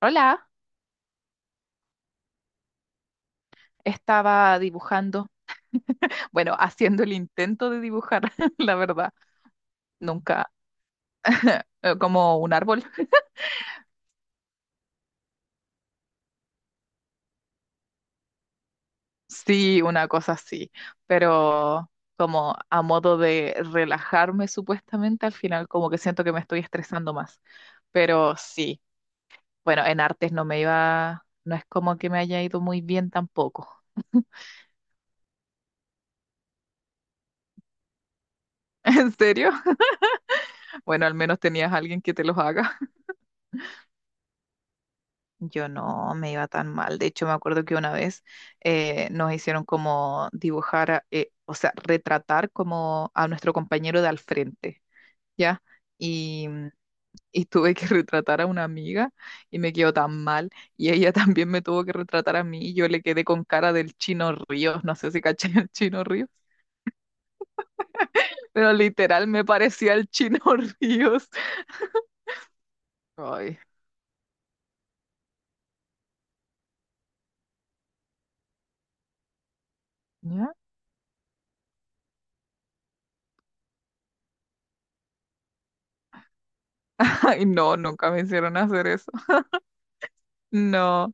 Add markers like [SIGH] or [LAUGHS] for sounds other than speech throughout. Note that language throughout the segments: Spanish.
Hola, estaba dibujando, bueno, haciendo el intento de dibujar, [LAUGHS] la verdad, nunca, [LAUGHS] como un árbol. [LAUGHS] Sí, una cosa así, pero como a modo de relajarme supuestamente, al final como que siento que me estoy estresando más, pero sí, bueno, en artes no me iba, no es como que me haya ido muy bien tampoco. [LAUGHS] ¿En serio? Bueno, al menos tenías a alguien que te los haga. Yo no me iba tan mal. De hecho, me acuerdo que una vez nos hicieron como dibujar, o sea, retratar como a nuestro compañero de al frente, ¿ya? Y, y tuve que [LAUGHS] retratar a una amiga y me quedó tan mal. Y ella [LAUGHS] también me tuvo que retratar a mí y yo le quedé con cara del Chino Ríos. No sé si caché el Chino Ríos, pero literal me parecía el Chino [LAUGHS] Ríos. Ay, ¿ya? [LAUGHS] Ay, no, nunca me hicieron hacer eso. No.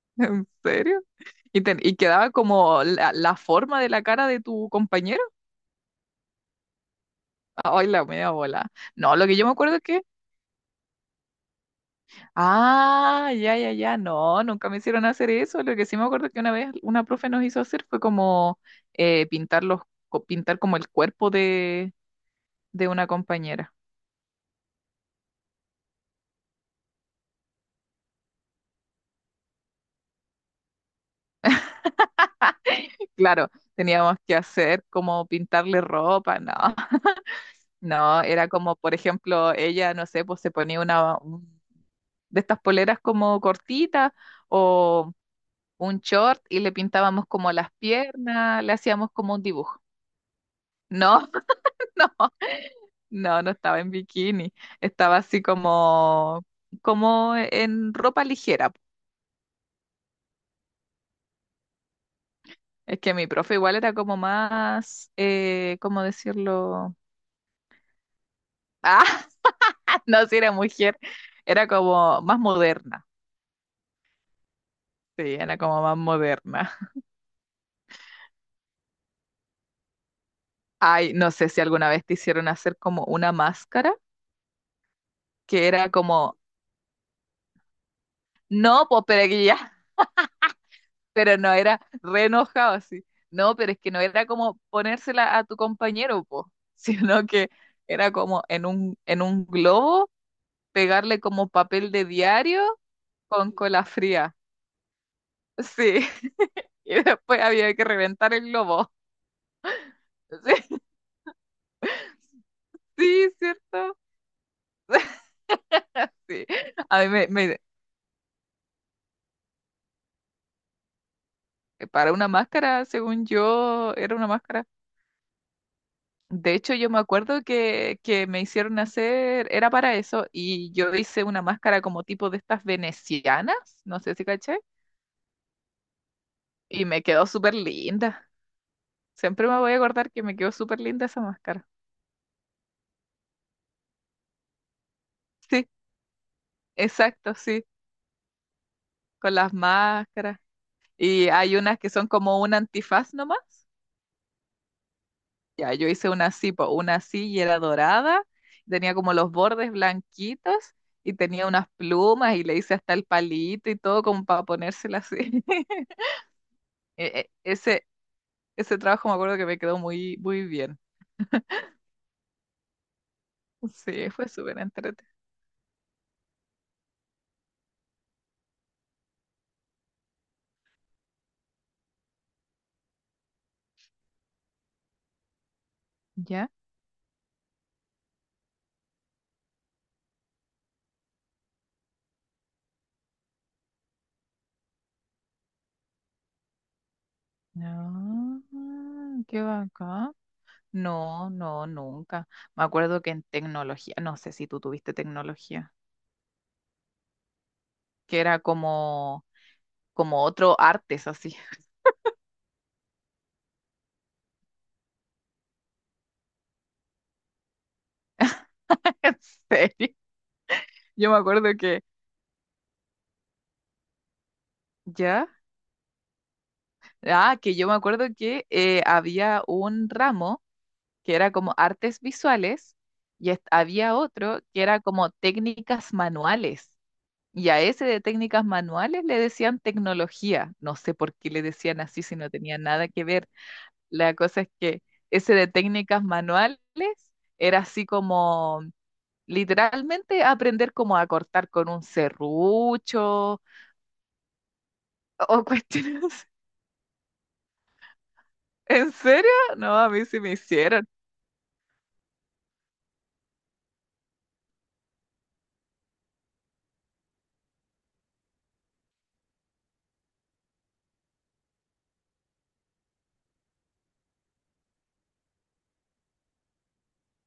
[LAUGHS] ¿En serio? Y, y quedaba como la forma de la cara de tu compañero. Ay, la media bola. No, lo que yo me acuerdo es que. Ah, ya, ya, ya. No, nunca me hicieron hacer eso. Lo que sí me acuerdo que una vez una profe nos hizo hacer fue como pintar pintar como el cuerpo de una compañera. [LAUGHS] Claro, teníamos que hacer como pintarle ropa, no. [LAUGHS] No, era como, por ejemplo, ella, no sé, pues se ponía de estas poleras como cortitas o un short y le pintábamos como las piernas, le hacíamos como un dibujo. No, [LAUGHS] no, no, no estaba en bikini, estaba así como, como en ropa ligera. Es que mi profe igual era como más, ¿cómo decirlo? Ah, [LAUGHS] no, si era mujer, era como más moderna. Sí, era como más moderna. Ay, no sé si alguna vez te hicieron hacer como una máscara, que era como, no, pues pero aquí ya. Pero no era re enojado así. No, pero es que no era como ponérsela a tu compañero, po, [LAUGHS] sino que era como en un globo, pegarle como papel de diario con cola fría. Sí, [LAUGHS] y después había que reventar el globo. [LAUGHS] Sí, sí, ¿cierto? Sí. A mí me, me- Para una máscara, según yo, era una máscara. De hecho, yo me acuerdo que me hicieron hacer, era para eso, y yo hice una máscara como tipo de estas venecianas, no sé si caché, y me quedó súper linda. Siempre me voy a acordar que me quedó súper linda esa máscara. Sí, exacto, sí, con las máscaras. Y hay unas que son como un antifaz nomás. Ya, yo hice una así, po, una así y era dorada, tenía como los bordes blanquitos y tenía unas plumas y le hice hasta el palito y todo como para ponérsela así. [LAUGHS] E- e- ese, ese trabajo me acuerdo que me quedó muy, muy bien. [LAUGHS] Sí, fue súper entretenido. ¿Ya? No, qué bacán. No, no, nunca. Me acuerdo que en tecnología, no sé si tú tuviste tecnología, que era como, como otro artes así. [LAUGHS] En serio. Yo me acuerdo que, ¿ya? Ah, que yo me acuerdo que había un ramo que era como artes visuales y había otro que era como técnicas manuales. Y a ese de técnicas manuales le decían tecnología. No sé por qué le decían así si no tenía nada que ver. La cosa es que ese de técnicas manuales era así como literalmente aprender cómo a cortar con un serrucho o cuestiones. [LAUGHS] ¿En serio? No, a mí sí me hicieron,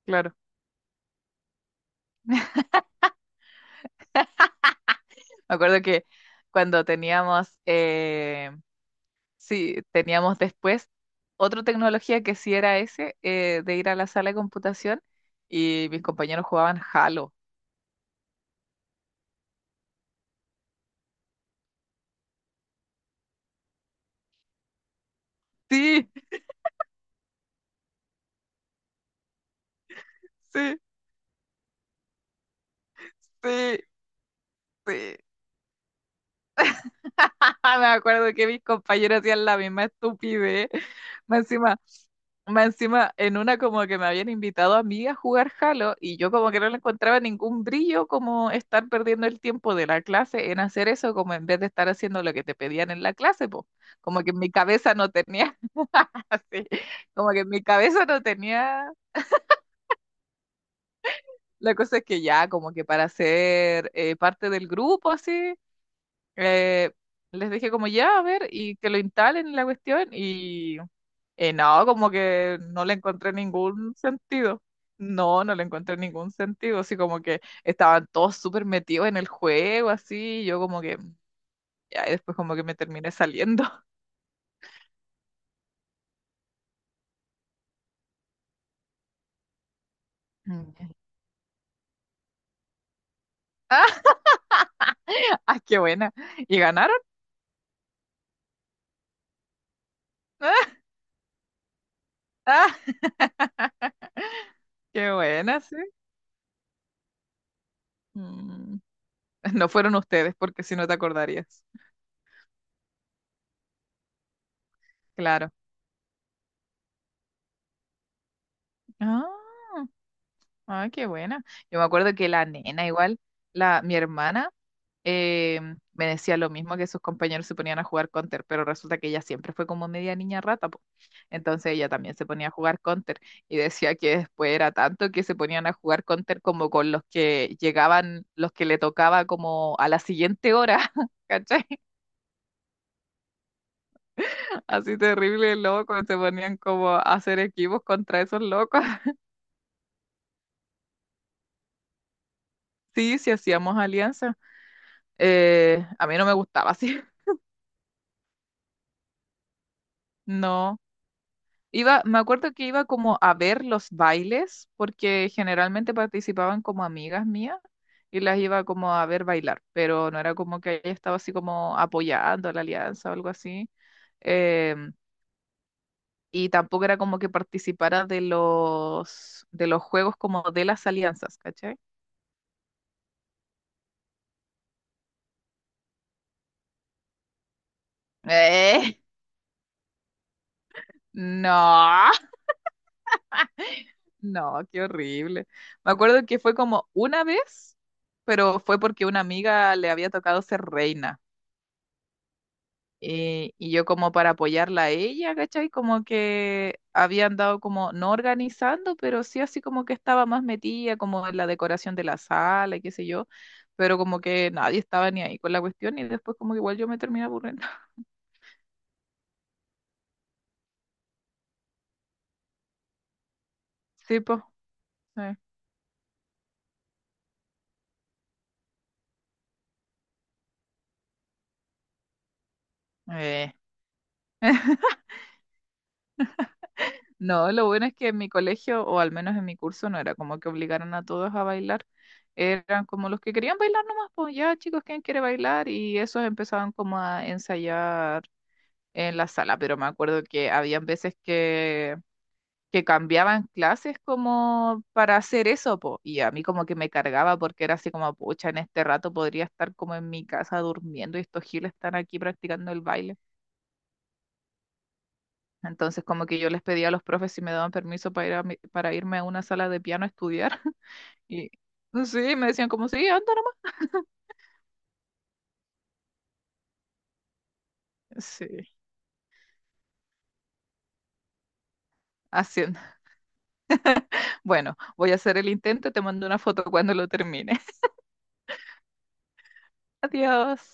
claro. Me acuerdo que cuando teníamos sí, teníamos después otra tecnología que sí era ese, de ir a la sala de computación y mis compañeros jugaban Halo. Sí, sí, sí, sí. [LAUGHS] Ah, me acuerdo que mis compañeros hacían la misma estupidez. Más encima, más encima, en una como que me habían invitado a mí a jugar Halo y yo como que no le encontraba ningún brillo como estar perdiendo el tiempo de la clase en hacer eso, como en vez de estar haciendo lo que te pedían en la clase, pues como que en mi cabeza no tenía. [LAUGHS] Así, como que en mi cabeza no tenía, la cosa es que ya, como que para ser parte del grupo, así, eh, les dije como ya, a ver, y que lo instalen la cuestión, y no, como que no le encontré ningún sentido. No, no le encontré ningún sentido, así como que estaban todos súper metidos en el juego, así, y yo como que, ya, y después como que me terminé saliendo. [LAUGHS] Mm. ¡Ah! Ah, ¡qué buena! ¿Y ganaron? [LAUGHS] ¡Ah! ¡Qué buena, sí! Mm. [LAUGHS] No fueron ustedes, porque si no te acordarías. Claro. Ah, ah, qué buena. Yo me acuerdo que la nena, igual, la, mi hermana, eh, me decía lo mismo que sus compañeros se ponían a jugar Counter, pero resulta que ella siempre fue como media niña rata, po. Entonces ella también se ponía a jugar Counter y decía que después era tanto que se ponían a jugar Counter como con los que llegaban, los que le tocaba como a la siguiente hora, [LAUGHS] ¿cachai? Así terrible, loco, se ponían como a hacer equipos contra esos locos. Sí, sí hacíamos alianza. A mí no me gustaba así. [LAUGHS] No. Iba, me acuerdo que iba como a ver los bailes, porque generalmente participaban como amigas mías y las iba como a ver bailar, pero no era como que ella estaba así como apoyando la alianza o algo así. Em, y tampoco era como que participara de los juegos como de las alianzas, ¿cachai? Eh, no. No, qué horrible. Me acuerdo que fue como una vez, pero fue porque una amiga le había tocado ser reina. Y yo como para apoyarla a ella, ¿cachai? Como que había andado como no organizando, pero sí así como que estaba más metida como en la decoración de la sala y qué sé yo, pero como que nadie estaba ni ahí con la cuestión y después como que igual yo me terminé aburriendo. [LAUGHS] Sí, pues. Eh. Eh. No, lo bueno es que en mi colegio, o al menos en mi curso, no era como que obligaran a todos a bailar. Eran como los que querían bailar nomás, pues ya chicos, ¿quién quiere bailar? Y esos empezaban como a ensayar en la sala, pero me acuerdo que habían veces que cambiaban clases como para hacer eso, po. Y a mí como que me cargaba porque era así como, pucha, en este rato podría estar como en mi casa durmiendo y estos giles están aquí practicando el baile. Entonces, como que yo les pedía a los profes si me daban permiso para ir a para irme a una sala de piano a estudiar. [LAUGHS] Y sí, me decían como, sí, anda nomás. Sí, haciendo. Bueno, voy a hacer el intento, te mando una foto cuando lo termine. [LAUGHS] Adiós.